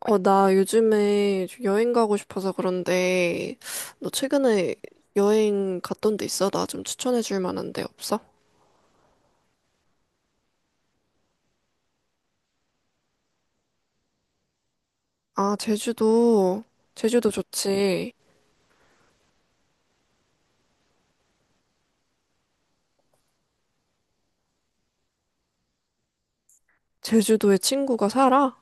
나 요즘에 좀 여행 가고 싶어서 그런데, 너 최근에 여행 갔던 데 있어? 나 좀 추천해 줄 만한 데 없어? 아, 제주도. 제주도 좋지. 제주도에 친구가 살아?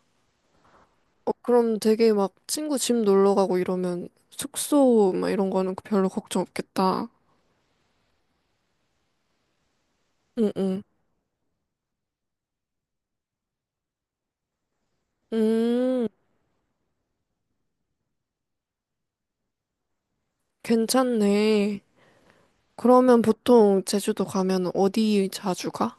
어, 그럼 되게 막 친구 집 놀러 가고 이러면 숙소 막 이런 거는 별로 걱정 없겠다. 응, 응. 음, 괜찮네. 그러면 보통 제주도 가면 어디 자주 가?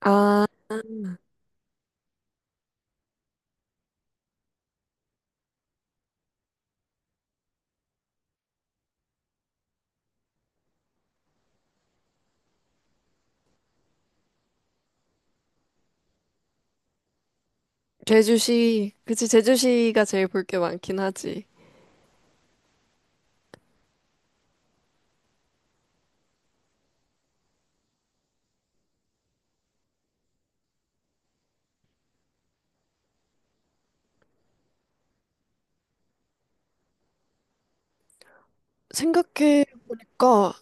아, 제주시, 그치, 제주시가 제일 볼 게 많긴 하지. 생각해보니까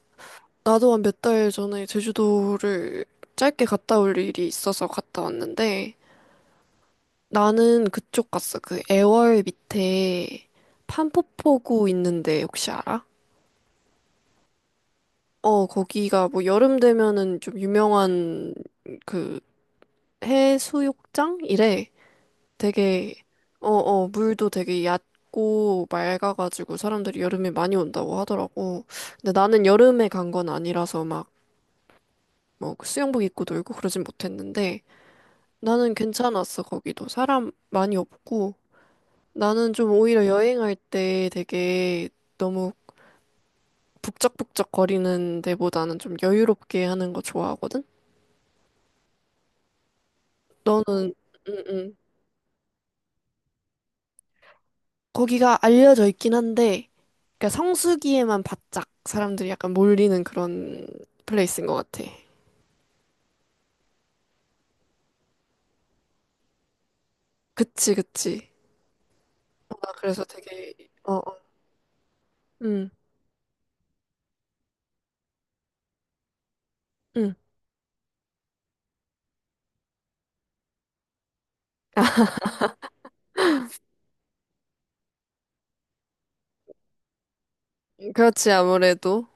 나도 한 몇 달 전에 제주도를 짧게 갔다 올 일이 있어서 갔다 왔는데 나는 그쪽 갔어. 그 애월 밑에 판포포구 있는데 혹시 알아? 어, 거기가 뭐 여름 되면은 좀 유명한 그 해수욕장? 이래. 되게 어어 물도 되게 얕고 맑아가지고 사람들이 여름에 많이 온다고 하더라고. 근데 나는 여름에 간 건 아니라서 막뭐 그 수영복 입고 놀고 그러진 못했는데 나는 괜찮았어 거기도 사람 많이 없고 나는 좀 오히려 여행할 때 되게 너무 북적북적 거리는 데보다는 좀 여유롭게 하는 거 좋아하거든. 너는 응응 거기가 알려져 있긴 한데, 그러니까 성수기에만 바짝 사람들이 약간 몰리는 그런 플레이스인 것 같아. 그치, 그치. 아, 그래서 되게, 어, 어. 응, 응. 그렇지, 아무래도.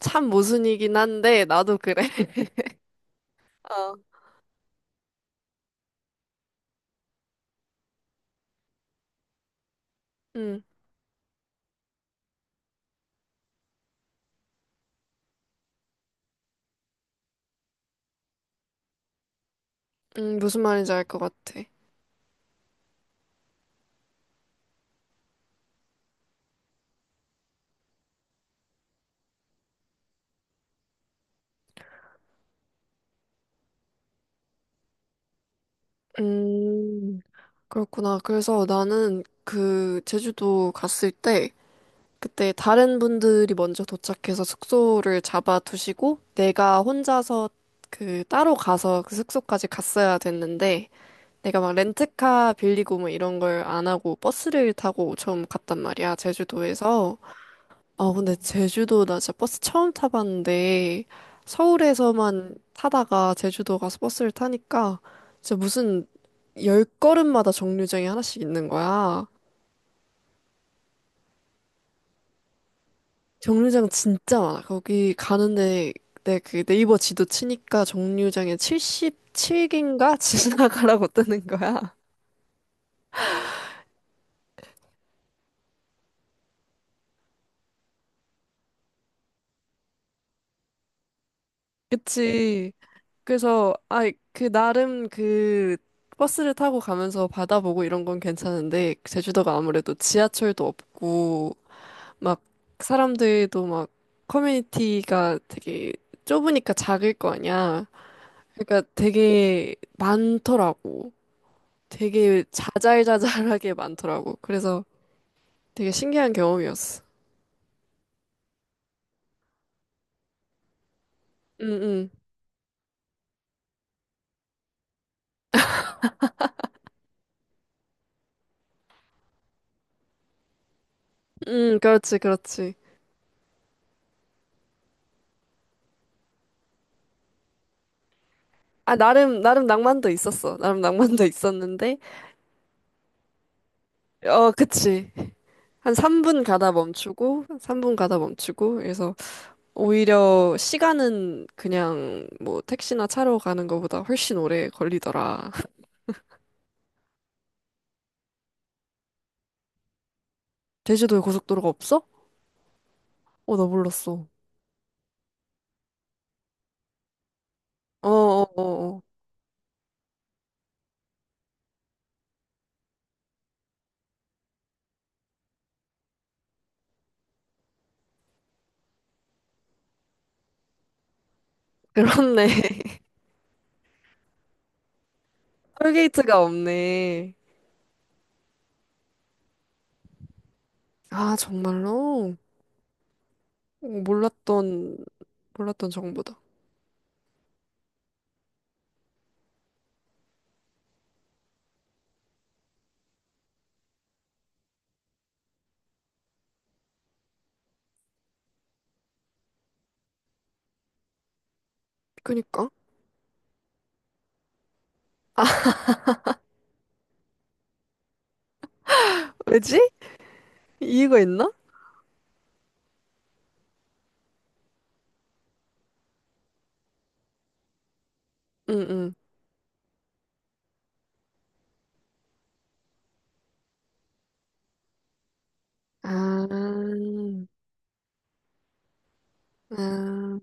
참 모순이긴 한데, 나도 그래. 어. 응, 응, 무슨 말인지 알 것 같아. 음, 그렇구나. 그래서 나는 그 제주도 갔을 때, 그때 다른 분들이 먼저 도착해서 숙소를 잡아두시고 내가 혼자서 그 따로 가서 그 숙소까지 갔어야 됐는데 내가 막 렌트카 빌리고 뭐 이런 걸 안 하고 버스를 타고 처음 갔단 말이야 제주도에서. 아 근데 제주도 나 진짜 버스 처음 타봤는데 서울에서만 타다가 제주도 가서 버스를 타니까 진짜 무슨 열 걸음마다 정류장이 하나씩 있는 거야. 정류장 진짜 많아. 거기 가는데 내그 네이버 지도 치니까 정류장에 77개인가 지나가라고 뜨는 거야. 그치. 그래서 아, 그 나름 그 버스를 타고 가면서 바다 보고 이런 건 괜찮은데 제주도가 아무래도 지하철도 없고 막 사람들도 막 커뮤니티가 되게 좁으니까 작을 거 아니야. 그러니까 되게 많더라고. 되게 자잘자잘하게 많더라고. 그래서 되게 신기한 경험이었어. 응, 응, 응, 그렇지, 그렇지. 아, 나름, 나름 낭만도 있었어. 나름 낭만도 있었는데, 어, 그치. 한 3분 가다 멈추고, 3분 가다 멈추고, 그래서 오히려 시간은 그냥 뭐 택시나 차로 가는 것보다 훨씬 오래 걸리더라. 제주도에 고속도로가 없어? 어, 나 몰랐어. 어, 어, 어, 어. 그렇네. 톨게이트가 없네. 아, 정말로? 어, 몰랐던, 몰랐던 정보다. 그니까. 왜지? 이유가 있나? 응, 응. 아, 아,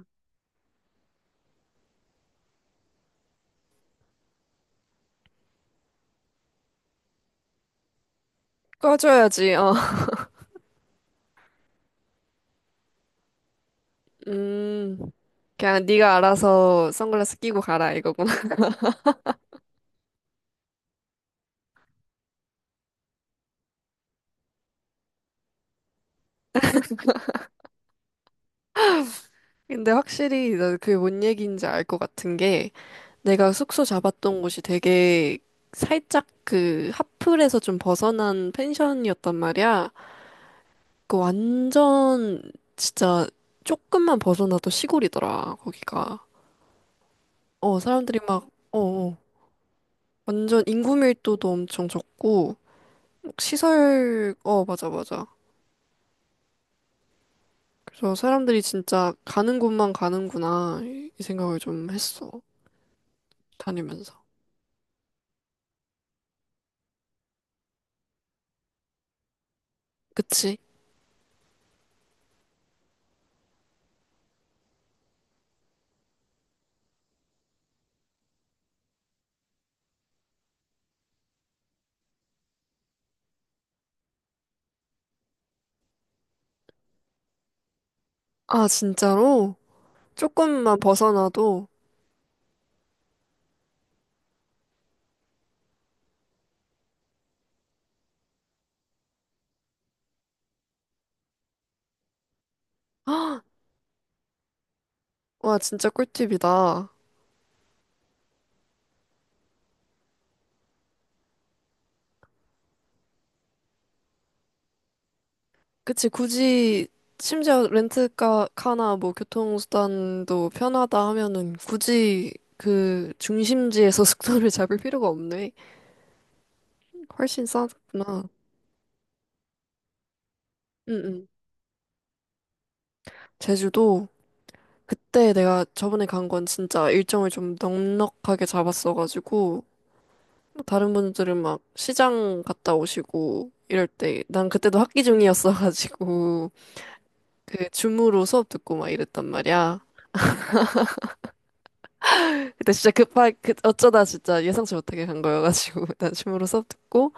꺼줘야지, 어. 음, 그냥 네가 알아서 선글라스 끼고 가라, 이거구나. 근데 확실히 나 그게 뭔 얘기인지 알 것 같은 게, 내가 숙소 잡았던 곳이 되게 살짝 그 하플에서 좀 벗어난 펜션이었단 말이야. 그 완전 진짜 조금만 벗어나도 시골이더라, 거기가. 어, 사람들이 막, 어, 어, 완전 인구 밀도도 엄청 적고, 시설, 어, 맞아, 맞아. 그래서 사람들이 진짜 가는 곳만 가는구나, 이, 이 생각을 좀 했어. 다니면서. 그치? 아, 진짜로? 조금만 벗어나도, 헉, 와, 진짜 꿀팁이다. 그치, 굳이, 심지어 렌트카나 뭐 교통수단도 편하다 하면은 굳이 그 중심지에서 숙소를 잡을 필요가 없네. 훨씬 싸구나. 응, 제주도 그때 내가 저번에 간 건 진짜 일정을 좀 넉넉하게 잡았어가지고 뭐 다른 분들은 막 시장 갔다 오시고 이럴 때 난 그때도 학기 중이었어가지고 그 줌으로 수업 듣고 막 이랬단 말이야. 그때 진짜 급하 그 어쩌다 진짜 예상치 못하게 간 거여가지고 난 줌으로 수업 듣고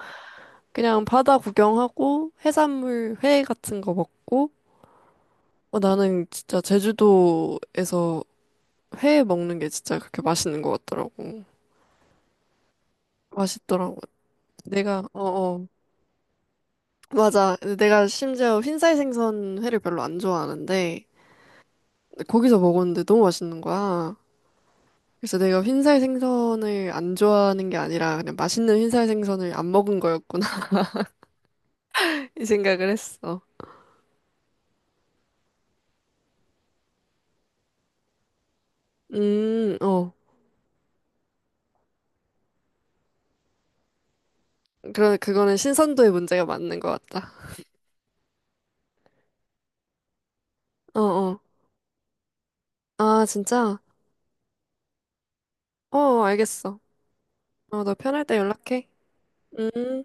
그냥 바다 구경하고 해산물 회 같은 거 먹고 어, 나는 진짜 제주도에서 회 먹는 게 진짜 그렇게 맛있는 것 같더라고. 맛있더라고. 내가, 어어. 맞아. 내가 심지어 흰살 생선 회를 별로 안 좋아하는데, 거기서 먹었는데 너무 맛있는 거야. 그래서 내가 흰살 생선을 안 좋아하는 게 아니라 그냥 맛있는 흰살 생선을 안 먹은 거였구나. 이 생각을 했어. 어. 그러, 그거는 신선도의 문제가 맞는 것 같다. 어어. 아, 진짜? 어, 알겠어. 어, 너 편할 때 연락해. 음.